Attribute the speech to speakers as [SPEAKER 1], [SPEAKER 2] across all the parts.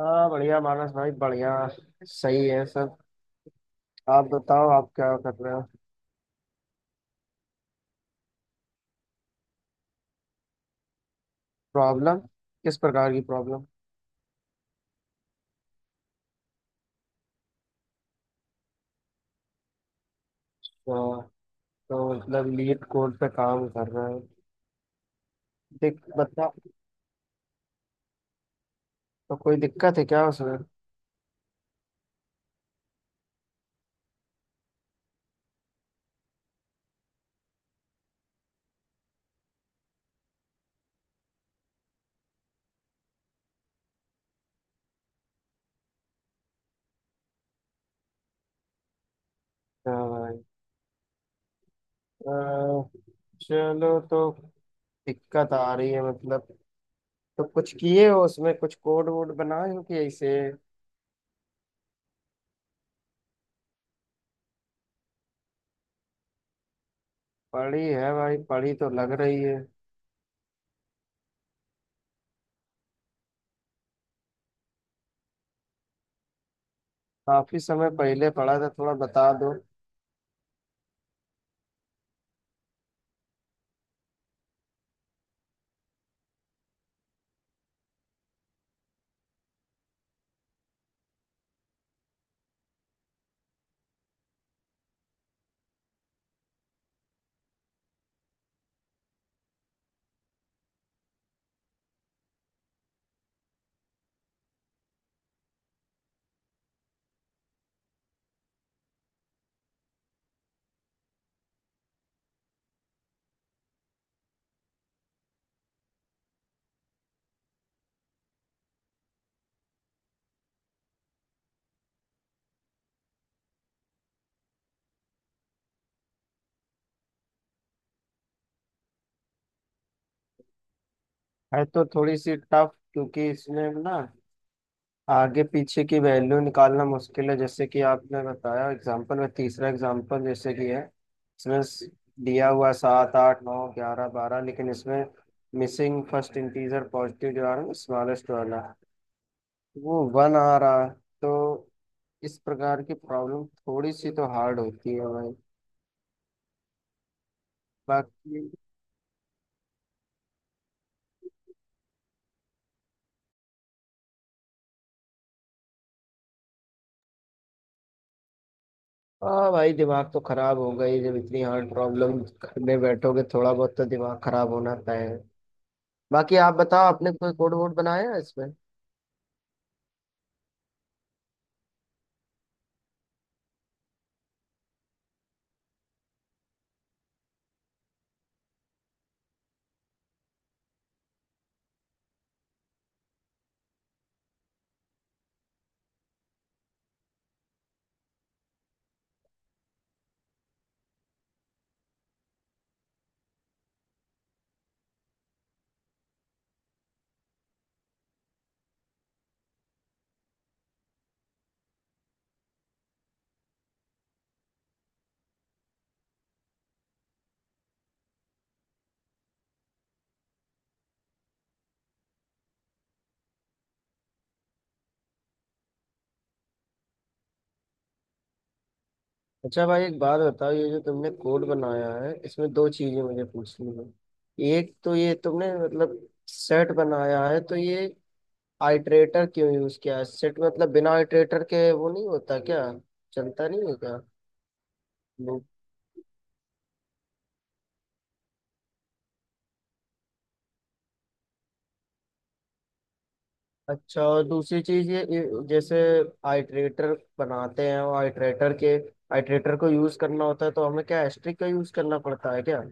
[SPEAKER 1] हाँ बढ़िया मानस भाई बढ़िया। सही है सब। आप बताओ आप क्या कर रहे हो। प्रॉब्लम। किस प्रकार की प्रॉब्लम। तो, तो मतलब लीड कोड पे काम कर रहे हो। दिक बता, तो कोई दिक्कत है क्या उसमें। हाँ भाई। अ, चलो, तो दिक्कत आ रही है मतलब। तो कुछ किए हो उसमें, कुछ कोड वोड बनाए हो कि ऐसे। पढ़ी है भाई, पढ़ी तो लग रही है। काफी समय पहले पढ़ा था, थोड़ा बता दो। है तो थोड़ी सी टफ, क्योंकि इसमें ना आगे पीछे की वैल्यू निकालना मुश्किल है। जैसे कि आपने बताया एग्जांपल में, तीसरा एग्जांपल जैसे कि है, इसमें दिया हुआ है सात आठ नौ 11 12, लेकिन इसमें मिसिंग फर्स्ट इंटीजर पॉजिटिव जो आ रहा है स्मॉलेस्ट वाला, वो वन आ रहा है। तो इस प्रकार की प्रॉब्लम थोड़ी सी तो हार्ड होती है भाई। बाकी, हाँ भाई दिमाग तो खराब होगा ही, जब इतनी हार्ड प्रॉब्लम में बैठोगे थोड़ा बहुत तो दिमाग खराब होना तय है। बाकी आप बताओ, आपने कोई कोड वोड बनाया है इसमें। अच्छा भाई एक बात बताओ, ये जो तुमने कोड बनाया है इसमें दो चीजें मुझे पूछनी है। एक तो ये तुमने मतलब सेट बनाया है, तो ये आइटरेटर क्यों यूज किया है सेट मतलब? बिना आइटरेटर के वो नहीं होता क्या, चलता नहीं है क्या? लूप। अच्छा, और दूसरी चीज, ये जैसे आइटरेटर बनाते हैं, और आइटरेटर को यूज करना होता है तो हमें क्या एस्ट्रिक का यूज करना पड़ता है क्या?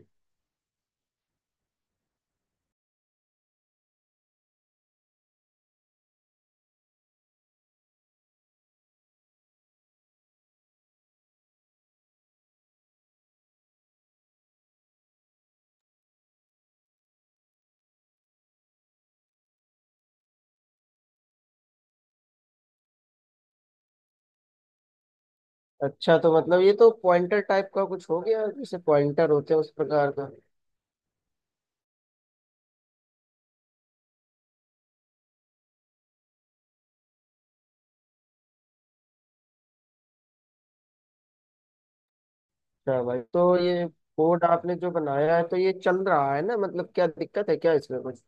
[SPEAKER 1] अच्छा, तो मतलब ये तो पॉइंटर टाइप का कुछ हो गया, जैसे पॉइंटर होते हैं उस प्रकार का। अच्छा भाई, तो ये कोड आपने जो बनाया है तो ये चल रहा है ना, मतलब क्या दिक्कत है क्या इसमें कुछ?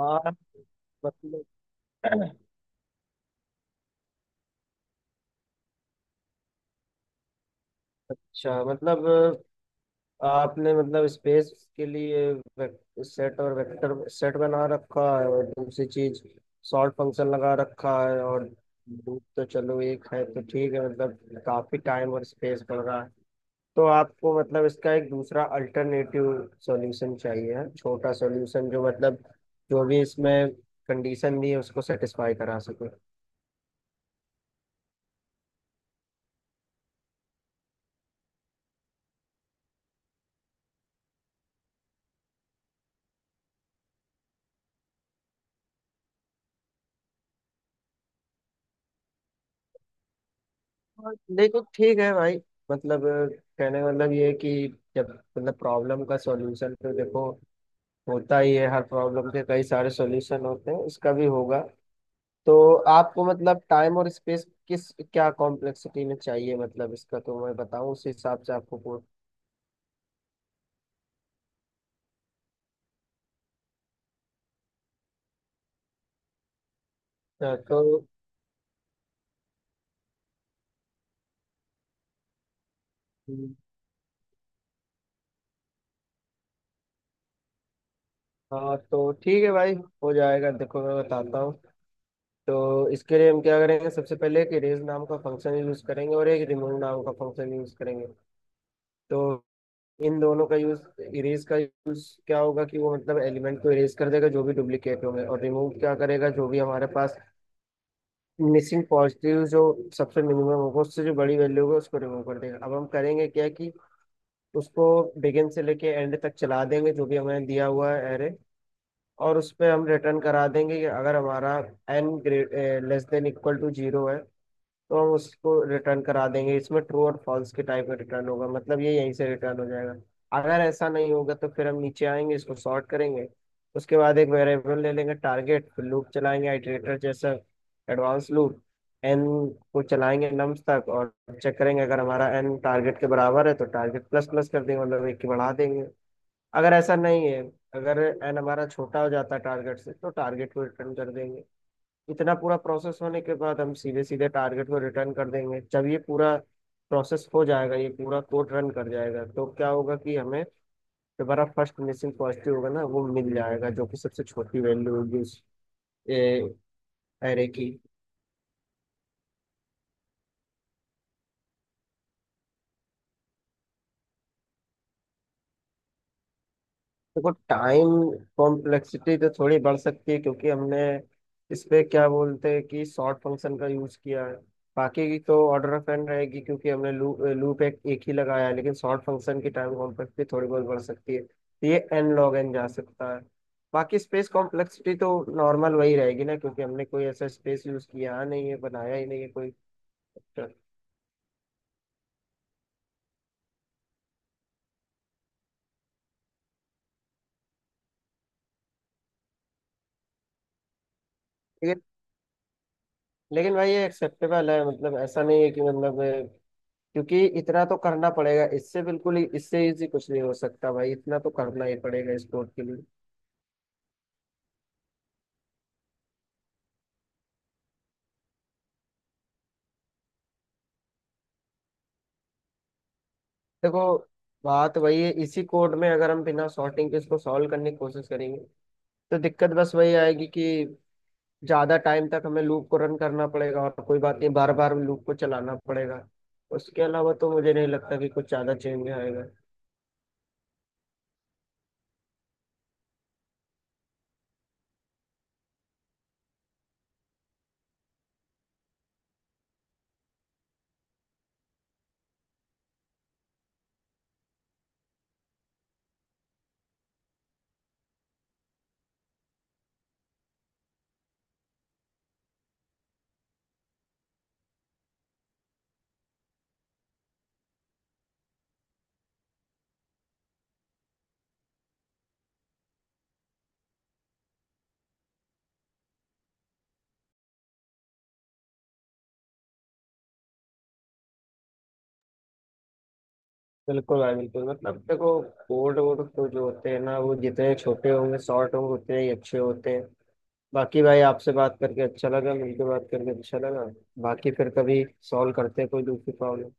[SPEAKER 1] हाँ मतलब, अच्छा, मतलब आपने मतलब स्पेस के लिए सेट और वेक्टर सेट बना रखा है, और दूसरी चीज सॉर्ट फंक्शन लगा रखा है, और लूप तो चलो एक है तो ठीक है, मतलब काफी टाइम और स्पेस पड़ रहा है। तो आपको मतलब इसका एक दूसरा अल्टरनेटिव सॉल्यूशन चाहिए है, छोटा सॉल्यूशन, जो मतलब जो भी इसमें कंडीशन दी है उसको सेटिस्फाई करा सके। और देखो ठीक है भाई, मतलब कहने का मतलब ये है कि जब मतलब प्रॉब्लम का सॉल्यूशन, तो देखो होता ही है, हर प्रॉब्लम के कई सारे सॉल्यूशन होते हैं, इसका भी होगा। तो आपको मतलब टाइम और स्पेस किस, क्या कॉम्प्लेक्सिटी में चाहिए मतलब इसका, तो मैं बताऊं उस हिसाब से आपको तो हाँ, तो ठीक है भाई, हो जाएगा। देखो मैं बताता हूँ। तो इसके लिए हम क्या करेंगे, सबसे पहले एक इरेज नाम का फंक्शन यूज करेंगे और एक रिमूव नाम का फंक्शन यूज करेंगे। तो इन दोनों का यूज, इरेज का यूज क्या होगा कि वो मतलब एलिमेंट को इरेज कर देगा जो भी डुप्लीकेट होंगे, और रिमूव क्या करेगा, जो भी हमारे पास मिसिंग पॉजिटिव जो सबसे मिनिमम होगा उससे जो बड़ी वैल्यू होगी उसको रिमूव कर देगा। अब हम करेंगे क्या कि उसको बिगिन से लेके एंड तक चला देंगे, जो भी हमें दिया हुआ है एरे, और उस पे हम रिटर्न करा देंगे कि अगर हमारा n great less than equal to zero है तो हम उसको रिटर्न करा देंगे। इसमें ट्रू और फॉल्स के टाइप में रिटर्न होगा, मतलब ये यहीं से रिटर्न हो जाएगा। अगर ऐसा नहीं होगा तो फिर हम नीचे आएंगे, इसको सॉर्ट करेंगे। उसके बाद एक वेरिएबल ले लेंगे टारगेट, फिर लूप चलाएंगे आइटरेटर जैसा, एडवांस लूप, एन को चलाएंगे नम्स तक, और चेक करेंगे अगर हमारा एन टारगेट के बराबर है तो टारगेट प्लस प्लस कर देंगे, मतलब एक की बढ़ा देंगे। अगर ऐसा नहीं है, अगर एन हमारा छोटा हो जाता है टारगेट से, तो टारगेट को रिटर्न कर देंगे। इतना पूरा प्रोसेस होने के बाद हम सीधे सीधे टारगेट को रिटर्न कर देंगे। जब ये पूरा प्रोसेस हो जाएगा, ये पूरा कोड रन कर जाएगा, तो क्या होगा कि हमें दोबारा फर्स्ट मिसिंग पॉजिटिव होगा ना, वो मिल जाएगा, जो कि सबसे छोटी वैल्यू होगी उस एरे की। देखो टाइम कॉम्प्लेक्सिटी तो थोड़ी बढ़ सकती है, क्योंकि हमने इस पे क्या बोलते हैं कि सॉर्ट फंक्शन का यूज किया है। बाकी की तो ऑर्डर ऑफ एन रहेगी, क्योंकि हमने लूप लूप एक, एक ही लगाया है, लेकिन सॉर्ट फंक्शन की टाइम कॉम्प्लेक्सिटी थोड़ी बहुत बढ़ सकती है, तो ये एन लॉग एन जा सकता है। बाकी स्पेस कॉम्प्लेक्सिटी तो नॉर्मल वही रहेगी ना, क्योंकि हमने कोई ऐसा स्पेस यूज किया नहीं है, बनाया ही नहीं है कोई। लेकिन लेकिन भाई ये एक्सेप्टेबल है, मतलब ऐसा नहीं है कि मतलब, क्योंकि इतना तो करना पड़ेगा, इससे बिल्कुल ही, इससे इजी कुछ नहीं हो सकता भाई, इतना तो करना ही पड़ेगा इस कोड के लिए। देखो बात वही है, इसी कोड में अगर हम बिना सॉर्टिंग के इसको सॉल्व करने की कोशिश करेंगे तो दिक्कत बस वही आएगी कि ज्यादा टाइम तक हमें लूप को रन करना पड़ेगा, और कोई बात नहीं बार बार लूप को चलाना पड़ेगा। उसके अलावा तो मुझे नहीं लगता कि कुछ ज्यादा चेंज आएगा। बिल्कुल भाई बिल्कुल, मतलब देखो कोड वोड तो जो होते हैं ना वो जितने छोटे होंगे, शॉर्ट होंगे, उतने ही अच्छे होते हैं। बाकी भाई आपसे बात करके अच्छा लगा, मिलके बात करके अच्छा लगा। बाकी फिर कभी सॉल्व करते हैं कोई दूसरी प्रॉब्लम।